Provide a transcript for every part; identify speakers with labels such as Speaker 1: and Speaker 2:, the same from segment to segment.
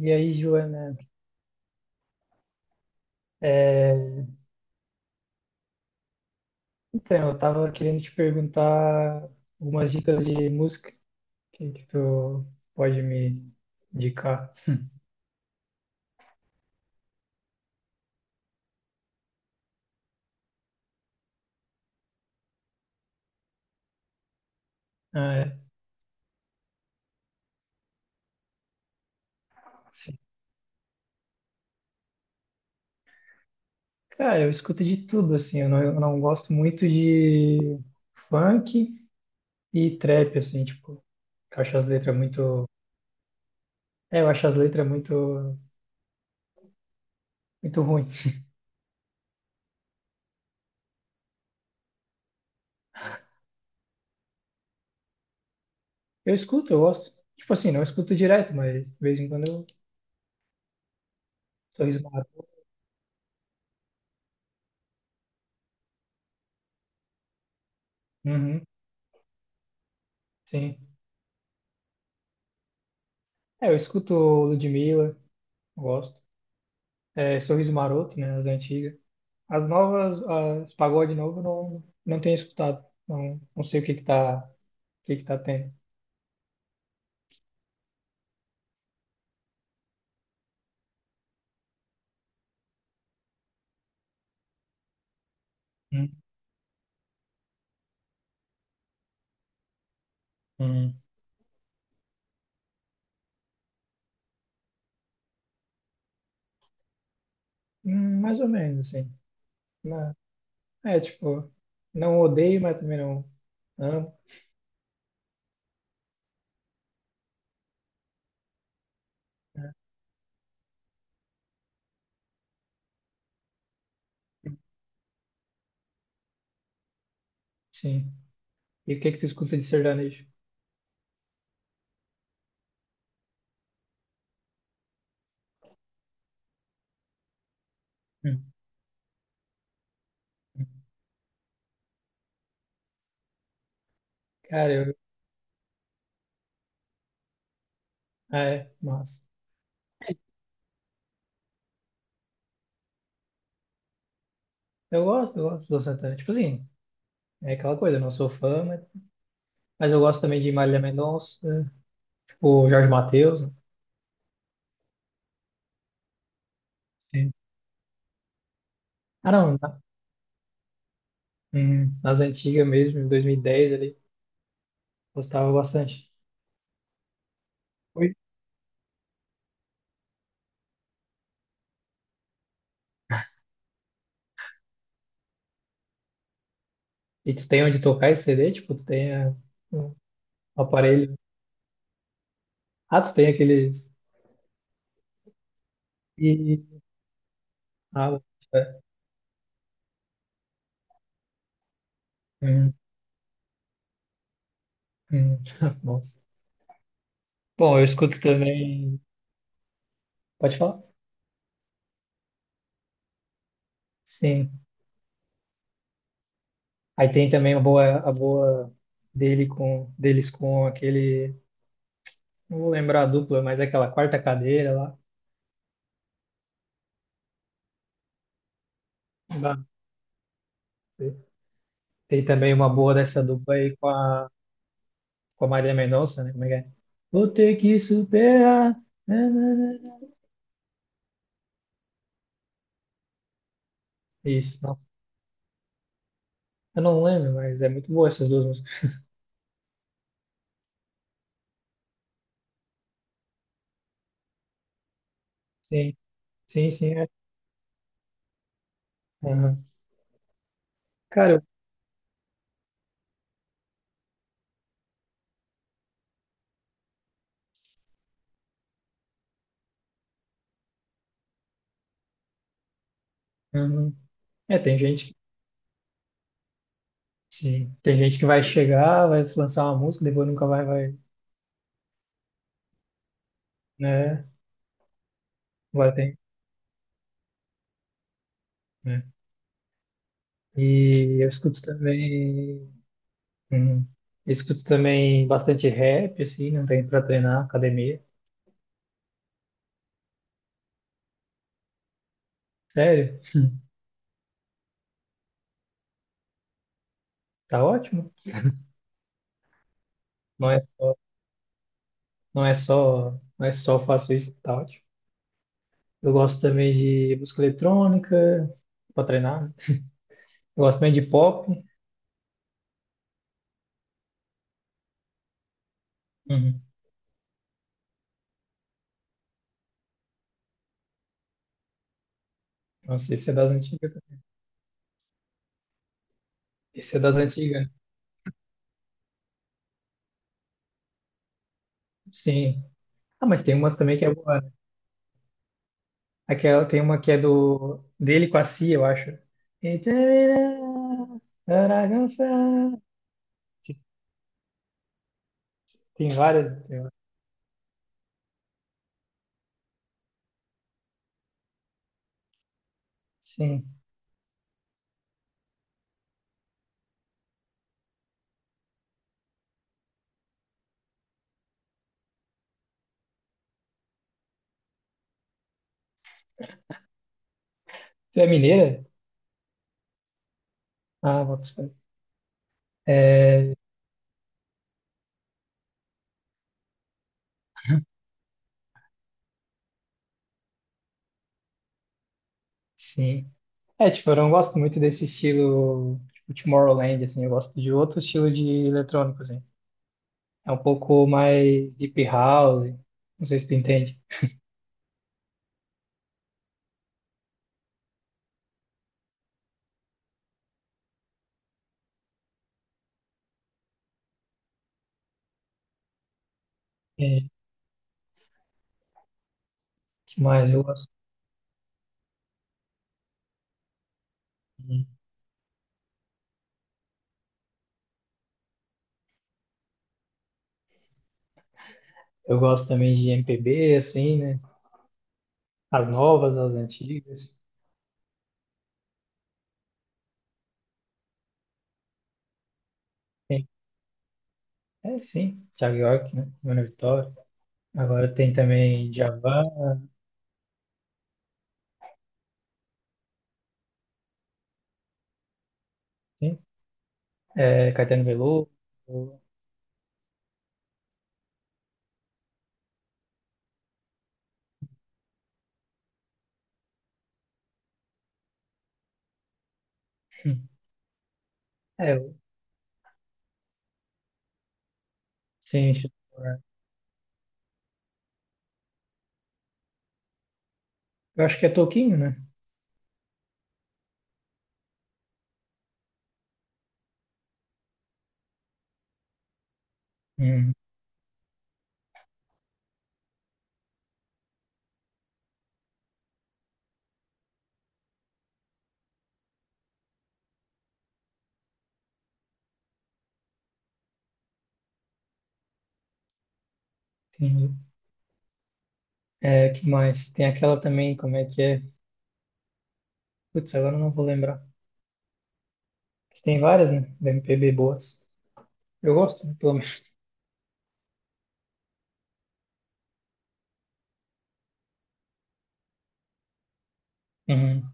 Speaker 1: E aí, Joana, é, então, eu tava querendo te perguntar algumas dicas de música que tu pode me indicar. Ah, é, assim, cara, eu escuto de tudo, assim, eu não gosto muito de funk e trap, assim, tipo, eu acho as letras muito... É, eu acho as letras muito, muito ruim. Eu escuto, eu gosto. Tipo assim, não escuto direto, mas de vez em quando eu sorriso maroto. Uhum, sim. É, eu escuto Ludmilla, gosto. É, Sorriso Maroto, né? As antigas. As novas, as pagode novo, não tenho escutado. Não sei o que que tá, o que que tá tendo. Hum, hum. Mais ou menos, assim. Né? É, tipo, não odeio, mas também não amo. Né? Sim. E o que que tu escuta de sertanejo? Hum. Cara, eu... ah, é, mas... eu gosto do Santana. Tipo assim, é aquela coisa, eu não sou fã, mas eu gosto também de Marília Mendonça, tipo Jorge Mateus. Né? Sim. Ah, não. Nas antigas mesmo, em 2010 ele gostava bastante. Oi? E tu tem onde tocar esse CD? Tipo, um aparelho. Ah, tu tem aqueles. E ah, é. Hum, hum. Nossa. Bom, eu escuto também. Pode falar? Sim. Aí tem também a boa deles com aquele. Não vou lembrar a dupla, mas é aquela quarta cadeira lá. Não dá. Tem também uma boa dessa dupla aí com a Marília Mendonça, né? Como é que é? Vou ter que superar. Na, na, na, na. Isso, nossa. Eu não lembro, mas é muito boa essas duas músicas. Sim, sim, sim. É. Aham. Cara, aham. É, tem gente que, sim, tem gente que vai chegar, vai lançar uma música, depois nunca vai, vai, né? Agora tem, né? E eu escuto também, uhum. Eu escuto também bastante rap, assim, não tem pra treinar, academia. Sério, tá ótimo. Não é só Não é só, não é só faço isso e tal. Tipo. Eu gosto também de música eletrônica, pra treinar. Né? Eu gosto também de pop. Uhum. Nossa, esse é das antigas. Esse é das antigas. Né? Sim. Ah, mas tem umas também que é boa. Né? Aquela, tem uma que é do dele com a Cia, eu acho. Tem várias. Tem várias. Sim. Tu é mineira? Ah, bota fé. É, sim. É, tipo, eu não gosto muito desse estilo, tipo, Tomorrowland, assim, eu gosto de outro estilo de eletrônico, assim. É um pouco mais deep house, não sei se tu entende. É, que mais eu gosto? Eu gosto também de MPB, assim, né? As novas, as antigas. Tem- é, sim, Thiago York, né? Mano Vitória. Agora tem também Djavan, sim. É, Caetano Veloso. Hum, É, sim, deixa eu lembrar. Eu acho que é Toquinho, né? Hum, entendi. É, que mais? Tem aquela também, como é que é? Putz, agora eu não vou lembrar. Mas tem várias, né? Da MPB boas. Eu gosto, né, pelo menos. Uhum,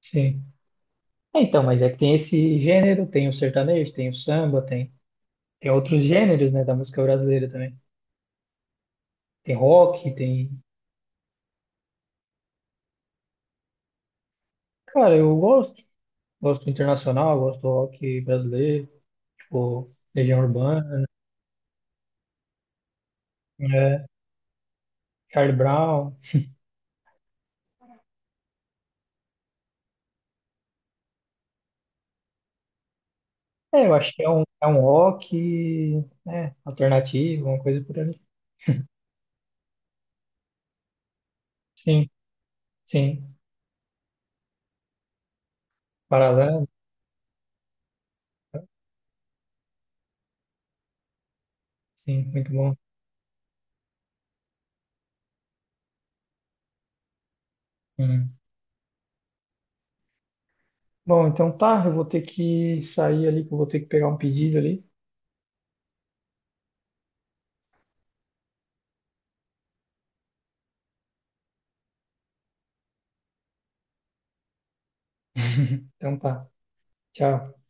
Speaker 1: sim. É, então, mas é que tem esse gênero, tem o sertanejo, tem o samba, tem, tem outros gêneros, né, da música brasileira também. Tem rock, tem. Cara, eu gosto. Gosto do internacional, gosto do rock brasileiro, tipo, Legião Urbana, né? Charlie Brown. É, eu acho que é um rock, né, alternativo, uma coisa por ali. Sim, sim. Paralelo? Tá? Sim, muito bom. Uhum. Bom, então tá, eu vou ter que sair ali, que eu vou ter que pegar um pedido ali. Então tá, tchau.